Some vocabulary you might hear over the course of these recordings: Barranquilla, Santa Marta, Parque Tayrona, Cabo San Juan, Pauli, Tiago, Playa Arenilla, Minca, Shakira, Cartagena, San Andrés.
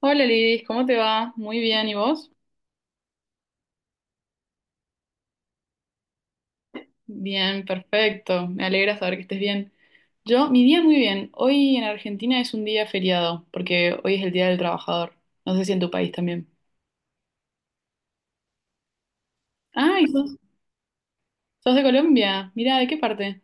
Hola Lidis, ¿cómo te va? Muy bien, ¿y vos? Bien, perfecto. Me alegra saber que estés bien. Yo, mi día muy bien. Hoy en Argentina es un día feriado, porque hoy es el Día del Trabajador. No sé si en tu país también. ¡Ay! ¿Sos de Colombia? Mira, ¿de qué parte?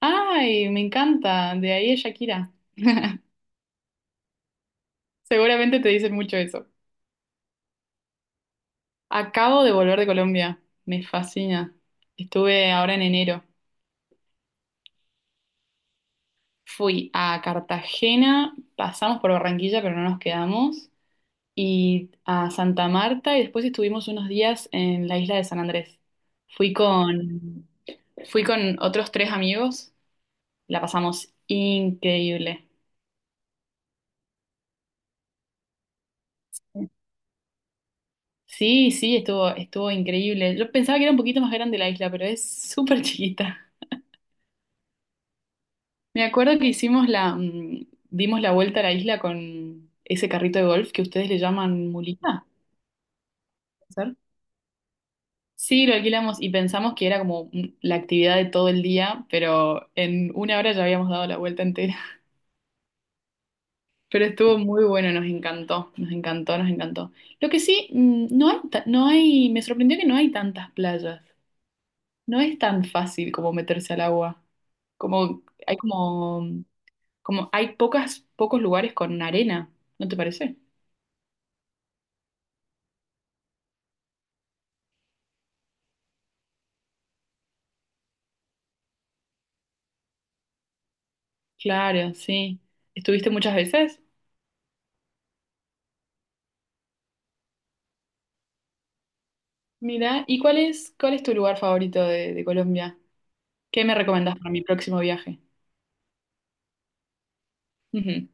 ¡Ay! Me encanta. De ahí es Shakira. Seguramente te dicen mucho eso. Acabo de volver de Colombia. Me fascina. Estuve ahora en enero. Fui a Cartagena, pasamos por Barranquilla, pero no nos quedamos, y a Santa Marta y después estuvimos unos días en la isla de San Andrés. Fui con, fui con otros tres amigos, la pasamos increíble. Sí, sí, estuvo increíble. Yo pensaba que era un poquito más grande la isla, pero es súper chiquita. Me acuerdo que dimos la vuelta a la isla con ese carrito de golf que ustedes le llaman mulita. ¿Puede ser? Sí, lo alquilamos y pensamos que era como la actividad de todo el día, pero en una hora ya habíamos dado la vuelta entera. Pero estuvo muy bueno, nos encantó, nos encantó, nos encantó. Lo que sí, mm, no hay, ta- no hay, me sorprendió que no hay tantas playas. No es tan fácil como meterse al agua. Como hay como, como hay pocas, pocos lugares con arena, ¿no te parece? Claro, sí. ¿Estuviste muchas veces? Mira, ¿y cuál es tu lugar favorito de, Colombia? ¿Qué me recomendás para mi próximo viaje? Ujú.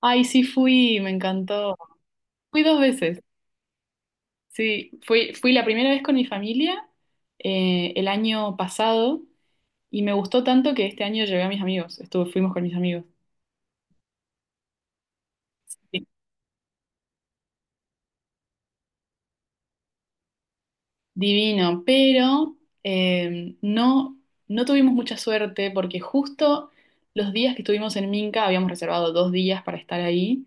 Ay, sí fui, me encantó. Fui dos veces. Sí, fui la primera vez con mi familia el año pasado y me gustó tanto que este año llevé a mis amigos, estuve, fuimos con mis amigos. Sí. Divino, pero no, no tuvimos mucha suerte porque justo los días que estuvimos en Minca, habíamos reservado 2 días para estar ahí,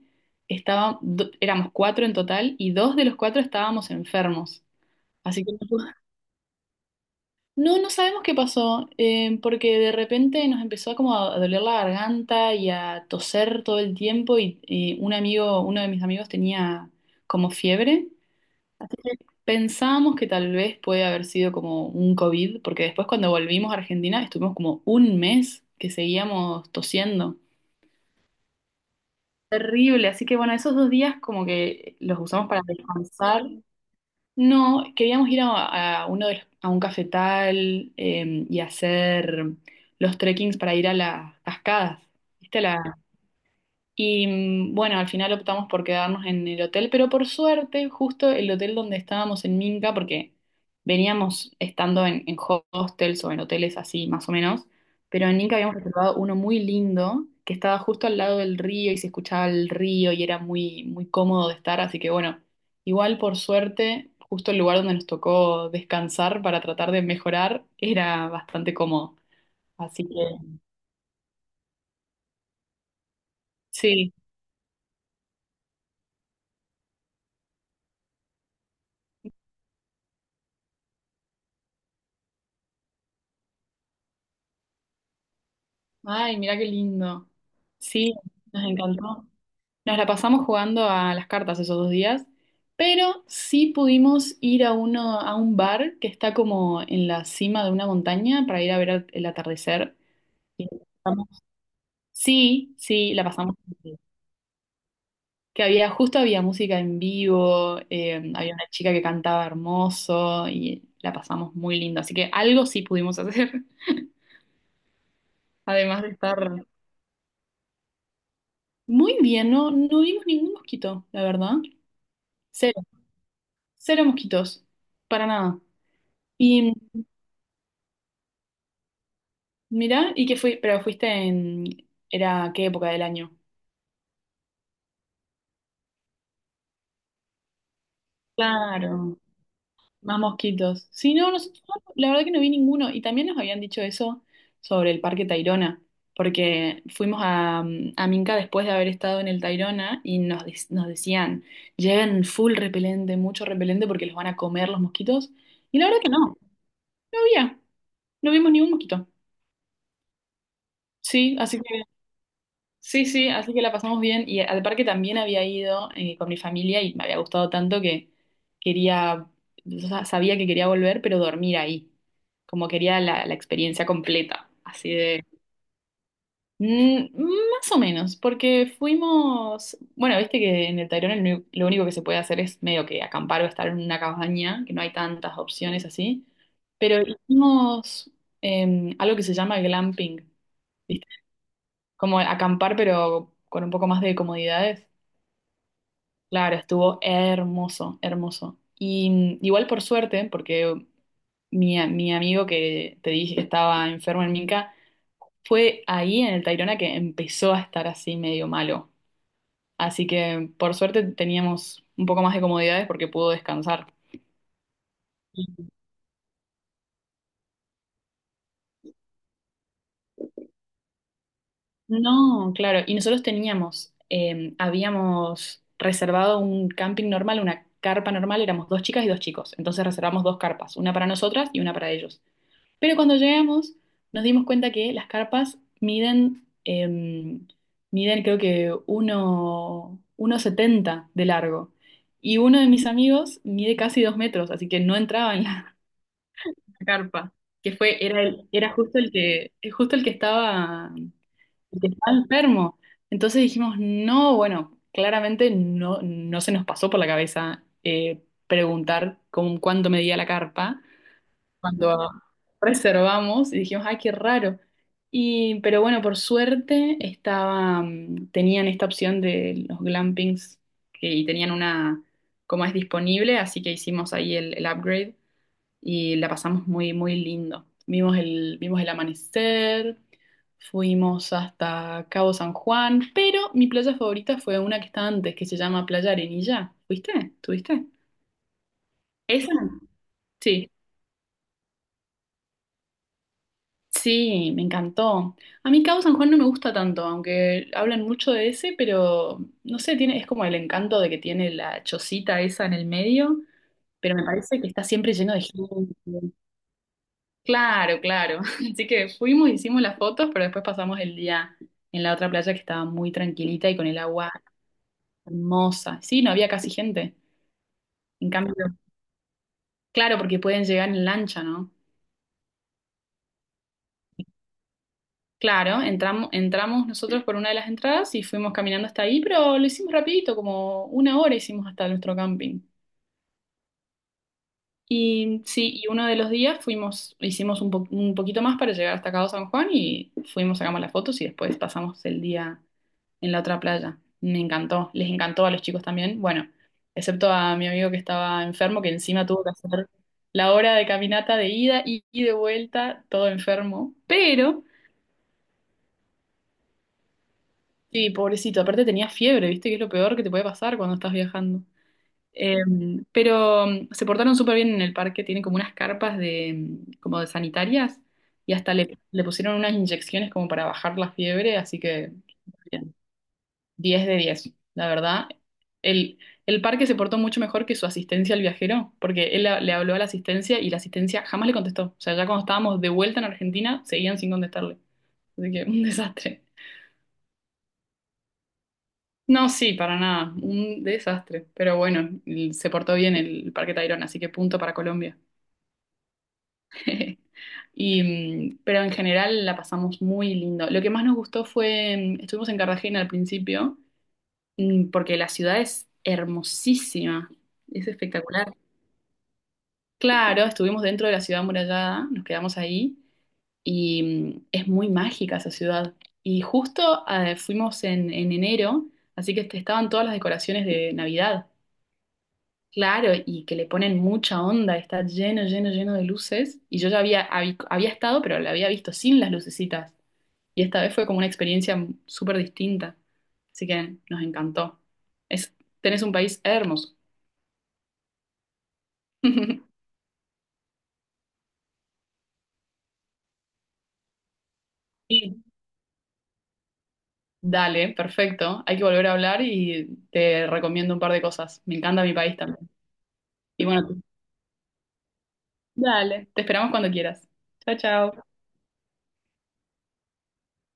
éramos cuatro en total y dos de los cuatro estábamos enfermos, así que no. No, no sabemos qué pasó, porque de repente nos empezó como a doler la garganta y a toser todo el tiempo y un amigo, uno de mis amigos tenía como fiebre, así que pensábamos que tal vez puede haber sido como un COVID, porque después cuando volvimos a Argentina estuvimos como un mes que seguíamos tosiendo. Terrible, así que bueno, esos dos días como que los usamos para descansar. No, queríamos ir a a un cafetal y hacer los trekkings para ir a las cascadas. ¿Viste la- y mm, Bueno, al final optamos por quedarnos en el hotel, pero por suerte, justo el hotel donde estábamos en Minca, porque veníamos estando en hostels o en hoteles así, más o menos, pero en Minca habíamos reservado uno muy lindo que estaba justo al lado del río y se escuchaba el río y era muy, muy cómodo de estar, así que bueno, igual por suerte, justo el lugar donde nos tocó descansar para tratar de mejorar era bastante cómodo. Así que sí. Ay, mira qué lindo. Sí, nos encantó. Nos la pasamos jugando a las cartas esos dos días, pero sí pudimos ir a uno, a un bar que está como en la cima de una montaña para ir a ver el atardecer. Y la pasamos- Sí, sí, la pasamos muy bien. Que había, justo había música en vivo, había una chica que cantaba hermoso y la pasamos muy lindo. Así que algo sí pudimos hacer. Además de estar muy bien, no, no vimos ningún mosquito, la verdad. Cero mosquitos, para nada. Y mirá, ¿y qué fui? Pero fuiste en. ¿Era qué época del año? Claro, más mosquitos. Sí, no, nosotros, no, la verdad que no vi ninguno. Y también nos habían dicho eso sobre el Parque Tayrona, porque fuimos a Minca después de haber estado en el Tayrona y nos decían, lleven full repelente, mucho repelente, porque los van a comer los mosquitos. Y la verdad que no, no había, no vimos ningún mosquito. Sí, así que sí, sí, así que la pasamos bien. Y al parque también había ido con mi familia y me había gustado tanto que quería, o sea, sabía que quería volver, pero dormir ahí. Como quería la experiencia completa. Así de. Más o menos, porque fuimos. Bueno, viste que en el Tayrona lo único que se puede hacer es medio que acampar o estar en una cabaña, que no hay tantas opciones así. Pero hicimos algo que se llama glamping como acampar, pero con un poco más de comodidades. Claro, estuvo hermoso, hermoso. Y igual por suerte, porque mi amigo que te dije que estaba enfermo en Minca, fue ahí en el Tayrona que empezó a estar así medio malo. Así que por suerte teníamos un poco más de comodidades porque pudo descansar. No, claro. Y nosotros teníamos, habíamos reservado un camping normal, una carpa normal, éramos dos chicas y dos chicos. Entonces reservamos dos carpas, una para nosotras y una para ellos. Pero cuando llegamos, nos dimos cuenta que las carpas miden creo que 1,70 de largo. Y uno de mis amigos mide casi 2 metros, así que no entraba en la carpa. Que fue, era el, era justo el que estaba enfermo. Entonces dijimos, no, bueno, claramente no, no se nos pasó por la cabeza preguntar con cuánto medía la carpa cuando reservamos y dijimos, ay, qué raro. Y, pero bueno, por suerte estaba, tenían esta opción de los glampings y tenían una, como es disponible, así que hicimos ahí el upgrade y la pasamos muy, muy lindo. Vimos el amanecer, fuimos hasta Cabo San Juan, pero mi playa favorita fue una que está antes, que se llama Playa Arenilla. ¿Fuiste? ¿Tuviste? ¿Esa? Sí. Sí, me encantó. A mí Cabo San Juan no me gusta tanto, aunque hablan mucho de ese, pero no sé, es como el encanto de que tiene la chocita esa en el medio, pero me parece que está siempre lleno de gente. Claro, claro. Así que fuimos, hicimos las fotos, pero después pasamos el día en la otra playa que estaba muy tranquilita y con el agua hermosa. Sí, no había casi gente. En cambio, claro, porque pueden llegar en lancha, ¿no? Claro, entramos nosotros por una de las entradas y fuimos caminando hasta ahí, pero lo hicimos rapidito, como una hora hicimos hasta nuestro camping. Y sí, y uno de los días fuimos, hicimos un poquito más para llegar hasta Cabo San Juan y fuimos, sacamos las fotos y después pasamos el día en la otra playa. Me encantó, les encantó a los chicos también. Bueno, excepto a mi amigo que estaba enfermo, que encima tuvo que hacer la hora de caminata de ida y de vuelta, todo enfermo. Pero, sí, pobrecito, aparte tenía fiebre, ¿viste? Que es lo peor que te puede pasar cuando estás viajando. Pero se portaron súper bien en el parque, tienen como unas carpas de, como de sanitarias y hasta le pusieron unas inyecciones como para bajar la fiebre, así que bien, 10 de 10, la verdad. El, el parque se portó mucho mejor que su asistencia al viajero, porque le habló a la asistencia y la asistencia jamás le contestó. O sea, ya cuando estábamos de vuelta en Argentina, seguían sin contestarle. Así que un desastre. No, sí, para nada, un desastre. Pero bueno, se portó bien el Parque Tayrona, así que punto para Colombia. Y, pero en general la pasamos muy lindo. Lo que más nos gustó fue, estuvimos en Cartagena al principio, porque la ciudad es hermosísima, es espectacular. Claro, estuvimos dentro de la ciudad amurallada, nos quedamos ahí y es muy mágica esa ciudad. Y justo fuimos en enero, así que estaban todas las decoraciones de Navidad. Claro, y que le ponen mucha onda, está lleno, lleno, lleno de luces. Y yo ya había estado, pero la había visto sin las lucecitas. Y esta vez fue como una experiencia súper distinta. Así que nos encantó. Es, tenés un país hermoso. Y dale, perfecto. Hay que volver a hablar y te recomiendo un par de cosas. Me encanta mi país también. Y bueno, dale, te esperamos cuando quieras. Chao, chao.